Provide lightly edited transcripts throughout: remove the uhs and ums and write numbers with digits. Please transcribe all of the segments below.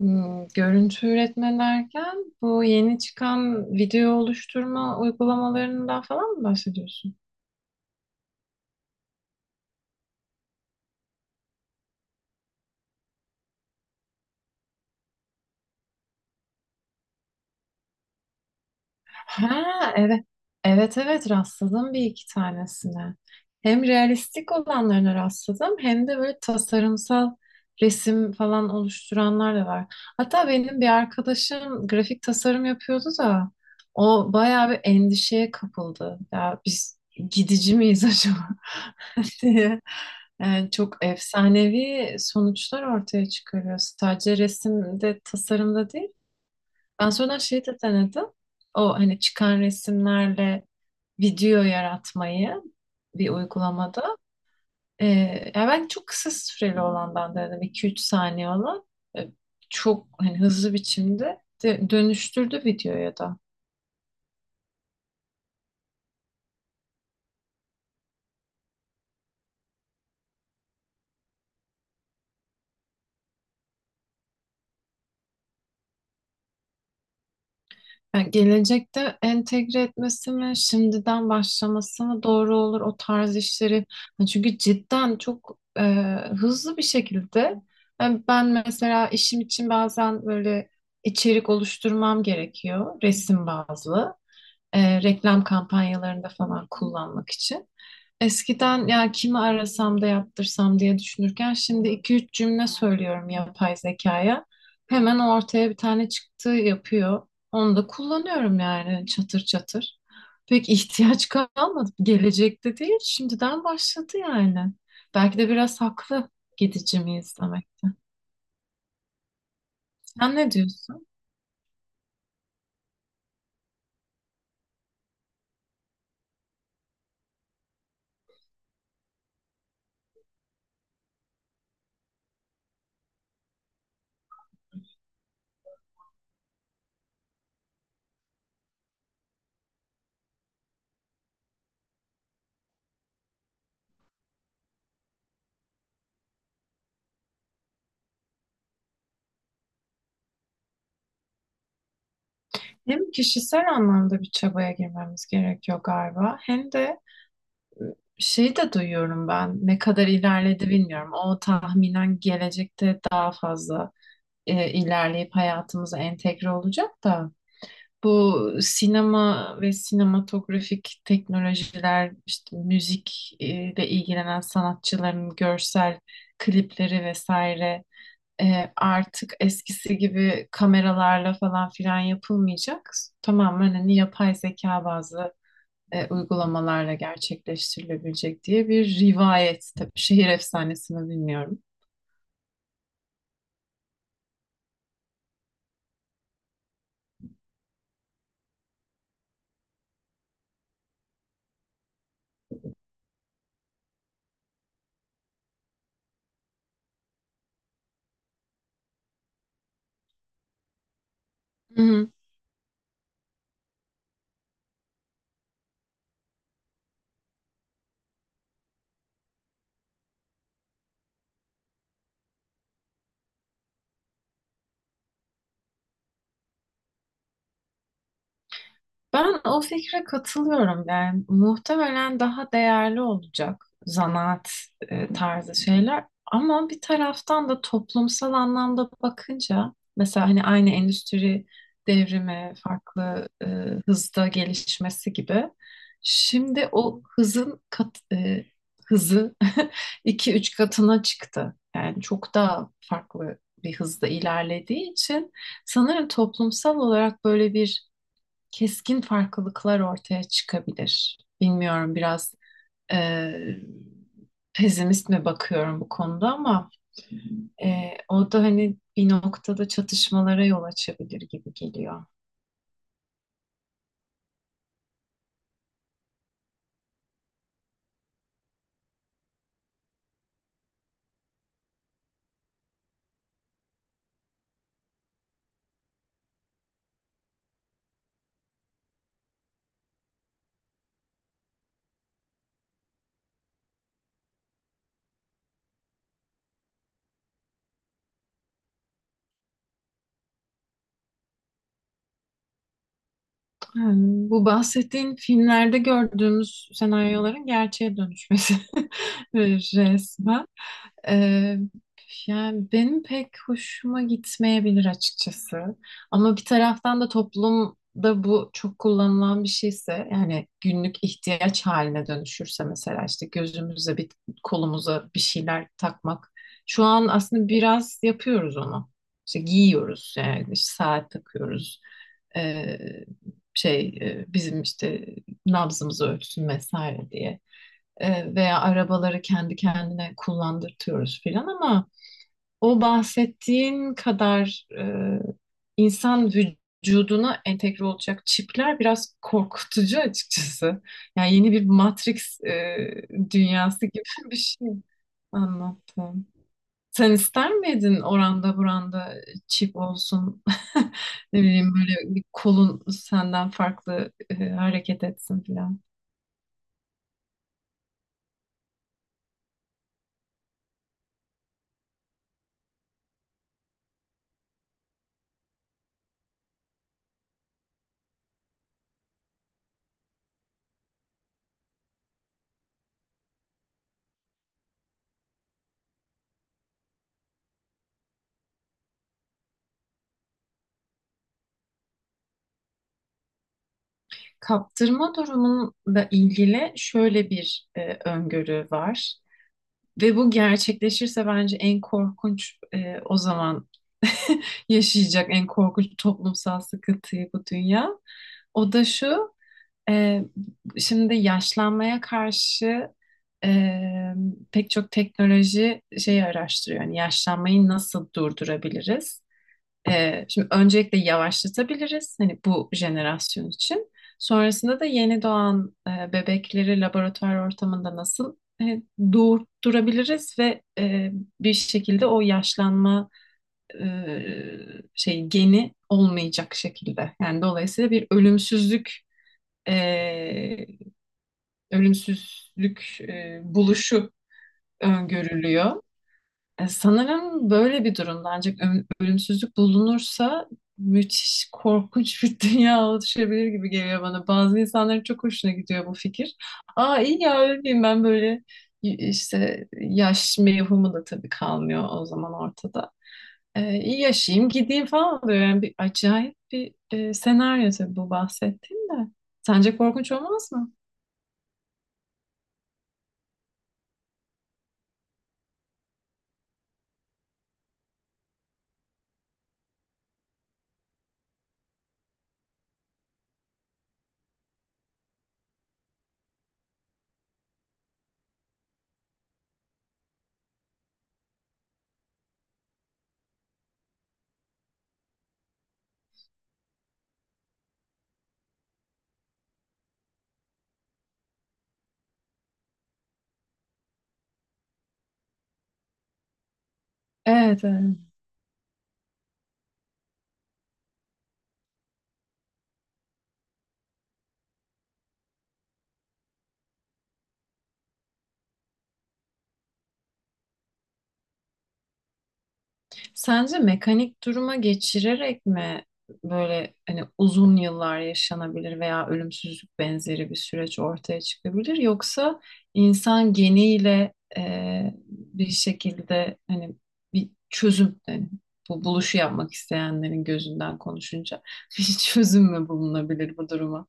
Görüntü üretme derken bu yeni çıkan video oluşturma uygulamalarından falan mı bahsediyorsun? Ha, evet. Evet, evet, rastladım bir iki tanesine. Hem realistik olanlarına rastladım hem de böyle tasarımsal resim falan oluşturanlar da var. Hatta benim bir arkadaşım grafik tasarım yapıyordu da o bayağı bir endişeye kapıldı. Ya biz gidici miyiz acaba? diye, yani çok efsanevi sonuçlar ortaya çıkarıyor. Sadece resimde, tasarımda değil. Ben sonradan şeyi de denedim. O hani çıkan resimlerle video yaratmayı bir uygulamada. Ee, Ya ben çok kısa süreli olandan denedim. İki üç saniye olan. Ee, Çok hani hızlı biçimde dönüştürdü videoya da. Yani gelecekte entegre etmesi mi, şimdiden başlaması mı doğru olur o tarz işleri? Yani çünkü cidden çok hızlı bir şekilde. Yani ben mesela işim için bazen böyle içerik oluşturmam gerekiyor, resim bazlı reklam kampanyalarında falan kullanmak için. Eskiden ya kimi arasam da yaptırsam diye düşünürken şimdi iki üç cümle söylüyorum yapay zekaya. Hemen ortaya bir tane çıktı yapıyor. Onu da kullanıyorum yani çatır çatır. Pek ihtiyaç kalmadı. Gelecekte değil, şimdiden başladı yani. Belki de biraz haklı gidici miyiz demek. Sen ne diyorsun? Hem kişisel anlamda bir çabaya girmemiz gerekiyor galiba, hem de şeyi de duyuyorum ben. Ne kadar ilerledi bilmiyorum. O tahminen gelecekte daha fazla ilerleyip hayatımıza entegre olacak da. Bu sinema ve sinematografik teknolojiler, işte müzikle ilgilenen sanatçıların görsel klipleri vesaire artık eskisi gibi kameralarla falan filan yapılmayacak. Tamamen hani yapay zeka bazlı uygulamalarla gerçekleştirilebilecek diye bir rivayet. Tabii şehir efsanesini bilmiyorum. Hı hı. Ben o fikre katılıyorum. Yani muhtemelen daha değerli olacak zanaat tarzı şeyler. Ama bir taraftan da toplumsal anlamda bakınca mesela hani aynı endüstri devrimi farklı hızda gelişmesi gibi şimdi o hızın hızı iki üç katına çıktı. Yani çok daha farklı bir hızda ilerlediği için sanırım toplumsal olarak böyle bir keskin farklılıklar ortaya çıkabilir. Bilmiyorum biraz e, pesimist mi bakıyorum bu konuda ama o da hani bir noktada çatışmalara yol açabilir gibi geliyor. Ha, bu bahsettiğin filmlerde gördüğümüz senaryoların gerçeğe dönüşmesi resmen. Ee, Yani benim pek hoşuma gitmeyebilir açıkçası. Ama bir taraftan da toplumda bu çok kullanılan bir şeyse yani günlük ihtiyaç haline dönüşürse mesela işte gözümüze bir kolumuza bir şeyler takmak. Şu an aslında biraz yapıyoruz onu. İşte giyiyoruz yani işte saat takıyoruz. Ee, Şey bizim işte nabzımızı ölçsün vesaire diye veya arabaları kendi kendine kullandırtıyoruz filan ama o bahsettiğin kadar insan vücuduna entegre olacak çipler biraz korkutucu açıkçası. Yani yeni bir Matrix dünyası gibi bir şey anlattım. Sen ister miydin oranda buranda çip olsun? Ne bileyim böyle bir kolun senden farklı hareket etsin filan. Kaptırma durumunla ilgili şöyle bir öngörü var ve bu gerçekleşirse bence en korkunç o zaman yaşayacak en korkunç toplumsal sıkıntıyı bu dünya. O da şu, e, şimdi yaşlanmaya karşı e, pek çok teknoloji şeyi araştırıyor. Yani yaşlanmayı nasıl durdurabiliriz? Şimdi öncelikle yavaşlatabiliriz hani bu jenerasyon için. Sonrasında da yeni doğan bebekleri laboratuvar ortamında nasıl e, doğurtturabiliriz ve bir şekilde o yaşlanma e, şey geni olmayacak şekilde. Yani dolayısıyla bir e, ölümsüzlük buluşu öngörülüyor. Sanırım böyle bir durumda ancak ölümsüzlük bulunursa müthiş korkunç bir dünya oluşabilir gibi geliyor bana. Bazı insanların çok hoşuna gidiyor bu fikir. Aa iyi ya ölmeyeyim ben böyle işte yaş mevhumu da tabii kalmıyor o zaman ortada. İyi yaşayayım gideyim falan oluyor. Yani bir acayip bir senaryo tabii bu bahsettiğim de. Sence korkunç olmaz mı? Evet, evet. Sence mekanik duruma geçirerek mi böyle hani uzun yıllar yaşanabilir veya ölümsüzlük benzeri bir süreç ortaya çıkabilir yoksa insan geniyle bir şekilde hani bir çözüm yani bu buluşu yapmak isteyenlerin gözünden konuşunca bir çözüm mü bulunabilir bu duruma?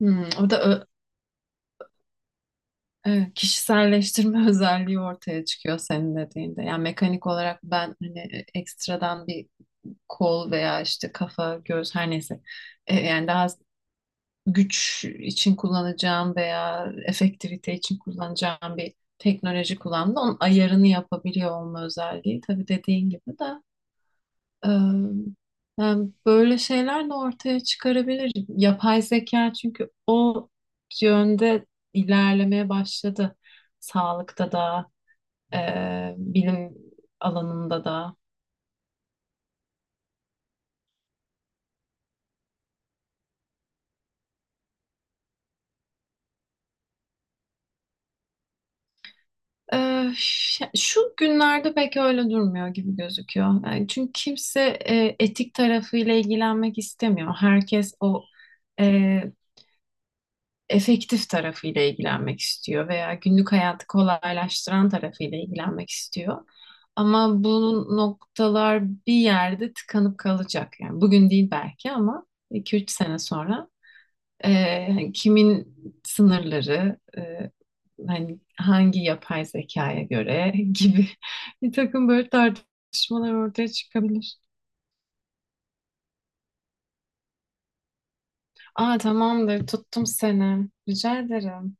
Hmm, o da ö- evet, kişiselleştirme özelliği ortaya çıkıyor senin dediğinde. Yani mekanik olarak ben hani ekstradan bir kol veya işte kafa, göz her neyse. Yani daha güç için kullanacağım veya efektivite için kullanacağım bir teknoloji kullandı. Onun ayarını yapabiliyor olma özelliği. Tabii dediğin gibi de e, yani böyle şeyler de ortaya çıkarabilir. Yapay zeka çünkü o yönde ilerlemeye başladı. Sağlıkta da, bilim alanında da. Şu günlerde pek öyle durmuyor gibi gözüküyor. Yani çünkü kimse etik tarafıyla ilgilenmek istemiyor. Herkes o e, efektif tarafıyla ilgilenmek istiyor veya günlük hayatı kolaylaştıran tarafıyla ilgilenmek istiyor. Ama bu noktalar bir yerde tıkanıp kalacak. Yani bugün değil belki ama 2-3 sene sonra hani kimin sınırları, hani hangi yapay zekaya göre gibi bir takım böyle tartışmalar ortaya çıkabilir. Aa tamamdır, tuttum seni. Rica ederim.